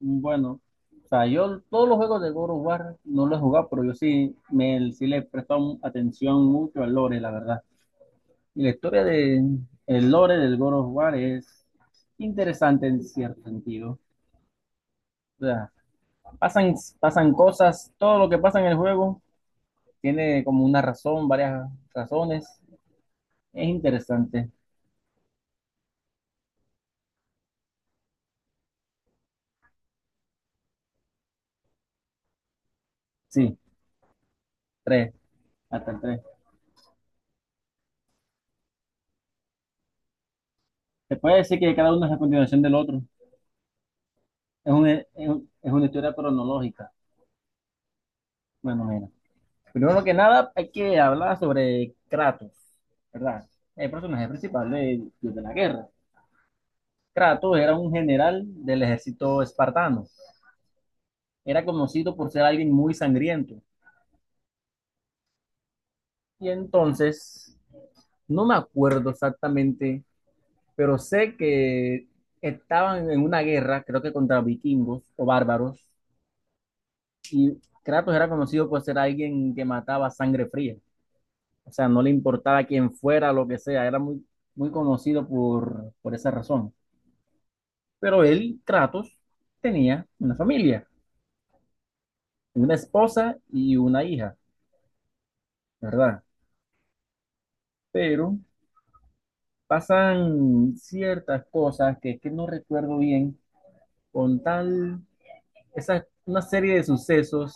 Bueno, o sea, yo todos los juegos de God of War no los he jugado, pero yo sí, me, sí le he prestado atención mucho al lore, la verdad. Y la historia de el lore del God of War es interesante en cierto sentido. O sea, pasan cosas, todo lo que pasa en el juego tiene como una razón, varias razones. Es interesante. Sí, tres, hasta el tres. Se puede decir que cada uno es la continuación del otro. Es una, es una historia cronológica. Bueno, mira. Primero que nada, hay que hablar sobre Kratos, ¿verdad? El personaje principal de la guerra. Kratos era un general del ejército espartano. Era conocido por ser alguien muy sangriento. Y entonces, no me acuerdo exactamente, pero sé que estaban en una guerra, creo que contra vikingos o bárbaros, y Kratos era conocido por ser alguien que mataba a sangre fría. O sea, no le importaba quién fuera, lo que sea, era muy, muy conocido por esa razón. Pero él, Kratos, tenía una familia, una esposa y una hija, ¿verdad? Pero pasan ciertas cosas que no recuerdo bien, con tal, esa, una serie de sucesos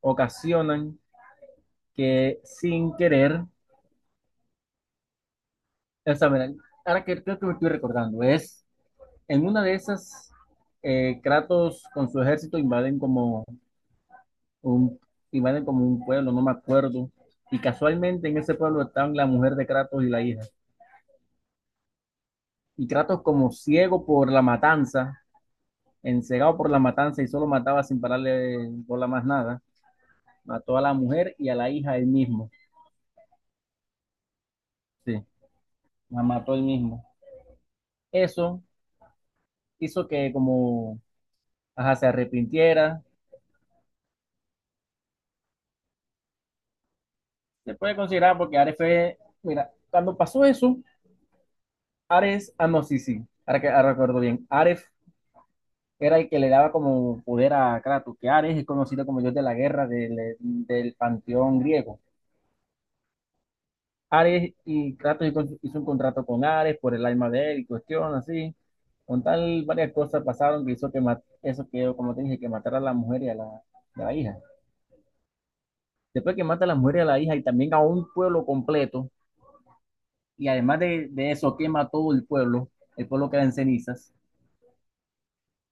ocasionan que sin querer, o sea, mira, ahora que creo que me estoy recordando, es en una de esas, Kratos con su ejército invaden como un, iban a como un pueblo, no me acuerdo. Y casualmente en ese pueblo estaban la mujer de Kratos y la hija. Y Kratos como ciego por la matanza, encegado por la matanza y solo mataba sin pararle bola más nada, mató a la mujer y a la hija él mismo. Sí, la mató él mismo. Eso hizo que como ajá, se arrepintiera. Se puede considerar porque Ares fue, mira, cuando pasó eso, Ares, ah no, sí, sí, ahora que ahora recuerdo bien, Ares era el que le daba como poder a Kratos, que Ares es conocido como dios de la guerra del panteón griego. Ares y Kratos hizo un contrato con Ares por el alma de él y cuestión así. Con tal, varias cosas pasaron que hizo que eso que, como te dije, que matara a la mujer y a y a la hija. Después que mata a la mujer y a la hija y también a un pueblo completo, y además de eso quema todo el pueblo queda en cenizas,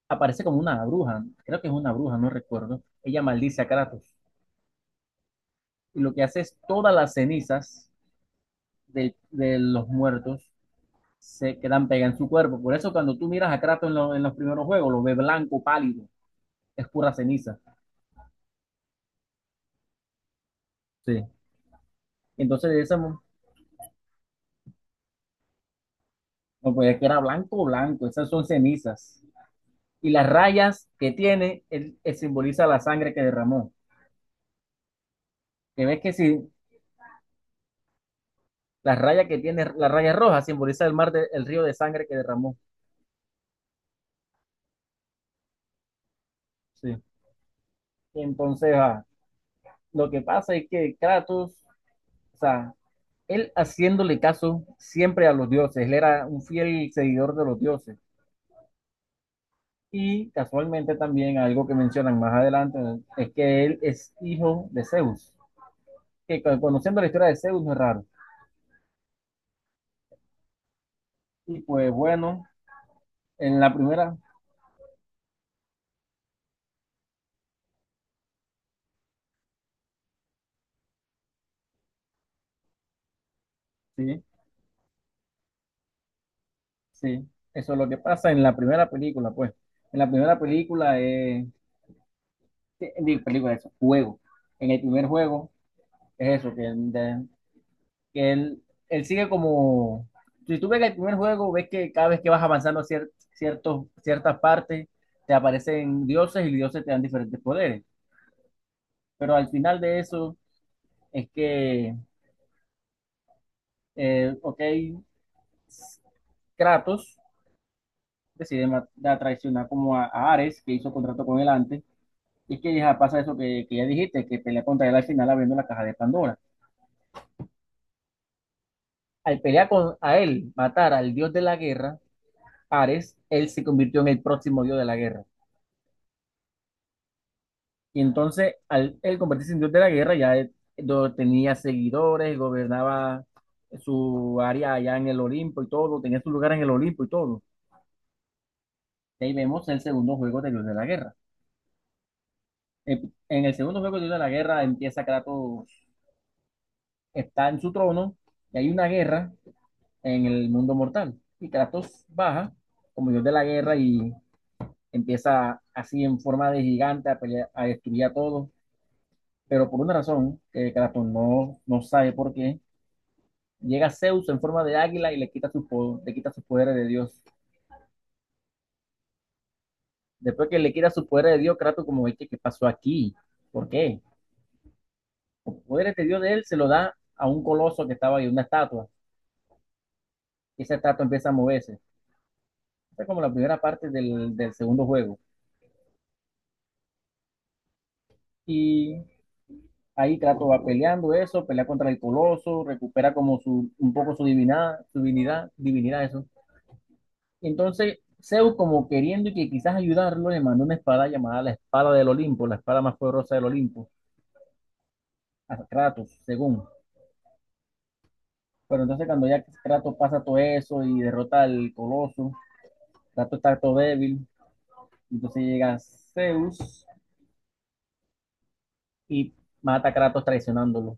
aparece como una bruja, creo que es una bruja, no recuerdo. Ella maldice a Kratos y lo que hace es todas las cenizas de los muertos se quedan pegadas en su cuerpo. Por eso cuando tú miras a Kratos en, en los primeros juegos, lo ves blanco, pálido, es pura ceniza. Sí. Entonces de esa, no puede que era blanco, blanco, esas son cenizas. Y las rayas que tiene, él simboliza la sangre que derramó. Que ves que si las rayas que tiene, la raya roja simboliza el mar, el río de sangre que derramó. Sí. Entonces, lo que pasa es que Kratos, o sea, él haciéndole caso siempre a los dioses, él era un fiel seguidor de los dioses. Y casualmente también algo que mencionan más adelante es que él es hijo de Zeus, que conociendo la historia de Zeus no es raro. Y pues bueno, en la primera, sí, sí, eso es lo que pasa en la primera película, pues. En la primera película, sí, digo, película, eso, juego. En el primer juego es eso, que que él sigue como, si tú ves el primer juego, ves que cada vez que vas avanzando ciertas partes, te aparecen dioses y los dioses te dan diferentes poderes. Pero al final de eso es que, ok, Kratos decide traicionar como a Ares, que hizo contrato con él antes, y es que ya pasa eso que ya dijiste, que pelea contra él al final abriendo la caja de Pandora. Al pelear con a él, matar al dios de la guerra, Ares, él se convirtió en el próximo dios de la guerra. Y entonces, al él convertirse en dios de la guerra, ya tenía seguidores, gobernaba su área allá en el Olimpo y todo, tenía su lugar en el Olimpo y todo. Y ahí vemos el segundo juego de Dios de la Guerra. En el segundo juego de Dios de la Guerra empieza Kratos, está en su trono y hay una guerra en el mundo mortal. Y Kratos baja como Dios de la Guerra y empieza así en forma de gigante a pelear, a destruir a todos. Pero por una razón que Kratos no sabe por qué llega Zeus en forma de águila y le quita, su, le quita sus su poderes de Dios. Después que le quita sus poderes de Dios, Kratos como, "Oye, ¿qué pasó aquí? ¿Por qué?" Los poderes de Dios de él se lo da a un coloso que estaba ahí, una estatua. Y esa estatua empieza a moverse. Esa es como la primera parte del segundo juego. Y ahí Kratos va peleando eso, pelea contra el coloso, recupera como su, un poco su divinidad, divinidad eso. Y entonces Zeus como queriendo y que quizás ayudarlo, le mandó una espada llamada la espada del Olimpo, la espada más poderosa del Olimpo a Kratos, según. Pero entonces cuando ya Kratos pasa todo eso y derrota al coloso, Kratos está todo débil, entonces llega Zeus y mata a Kratos traicionándolo.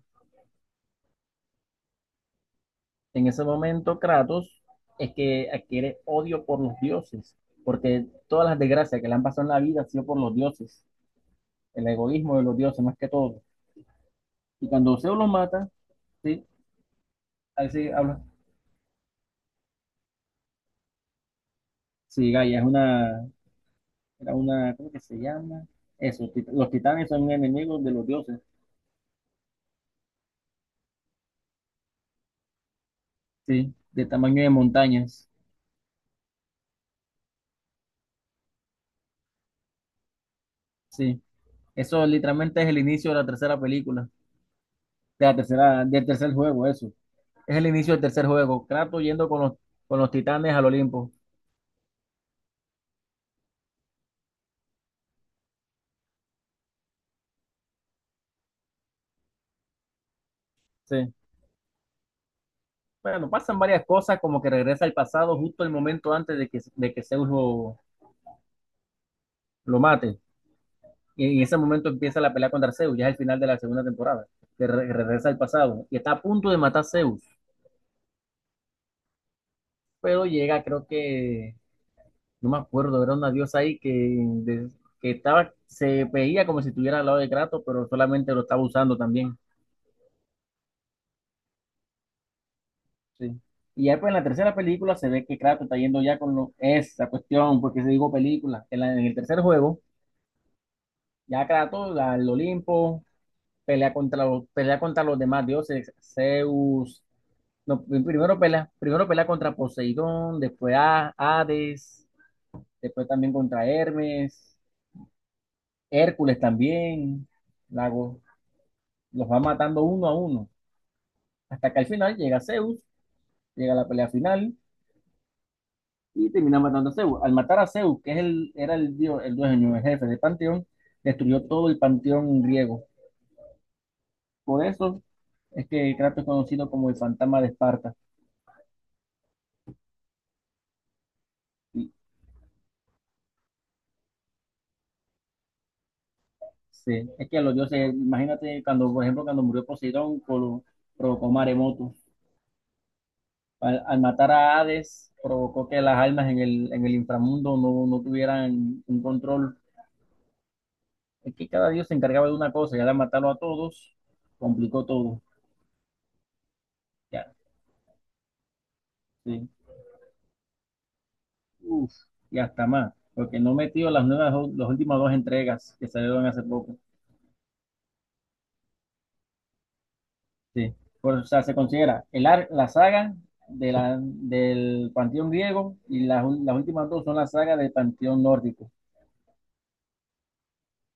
En ese momento Kratos es que adquiere odio por los dioses, porque todas las desgracias que le han pasado en la vida han sido por los dioses, el egoísmo de los dioses más que todo. Y cuando Zeus lo mata, sí, ahí sí habla. Sí, Gaia es una, era una, ¿cómo que se llama? Eso, los titanes son enemigos de los dioses. Sí, de tamaño de montañas. Sí. Eso literalmente es el inicio de la tercera película, de la tercera, del tercer juego, eso. Es el inicio del tercer juego. Kratos yendo con los titanes al Olimpo. Sí. Bueno, pasan varias cosas, como que regresa al pasado justo el momento antes de que Zeus lo mate. Y en ese momento empieza la pelea contra Zeus, ya es el final de la segunda temporada, que regresa al pasado. Y está a punto de matar a Zeus, pero llega, creo que no me acuerdo, era una diosa ahí que, que estaba, se veía como si estuviera al lado de Kratos, pero solamente lo estaba usando también. Sí. Y ya pues en la tercera película se ve que Kratos está yendo ya con esa cuestión, porque se digo película. En, en el tercer juego, ya Kratos al Olimpo, pelea contra los demás dioses, Zeus. No, primero pelea contra Poseidón, después a Hades, después también contra Hermes, Hércules también. Lago los va matando uno a uno, hasta que al final llega Zeus, llega la pelea final y termina matando a Zeus. Al matar a Zeus, que es el, era el dios, el dueño, el jefe del panteón, destruyó todo el panteón griego. Por eso es que Kratos es conocido como el fantasma de Esparta. Y, sí, es que a los dioses, imagínate cuando, por ejemplo, cuando murió Poseidón, provocó maremotos. Al matar a Hades, provocó que las almas en el inframundo no tuvieran un control. Es que cada dios se encargaba de una cosa y al matarlo a todos, complicó todo. Ya, sí. Uf, y hasta más. Porque no metió las nuevas, las últimas dos entregas que salieron hace poco. Sí. O sea, se considera la saga del panteón griego y las últimas dos son la saga del panteón nórdico.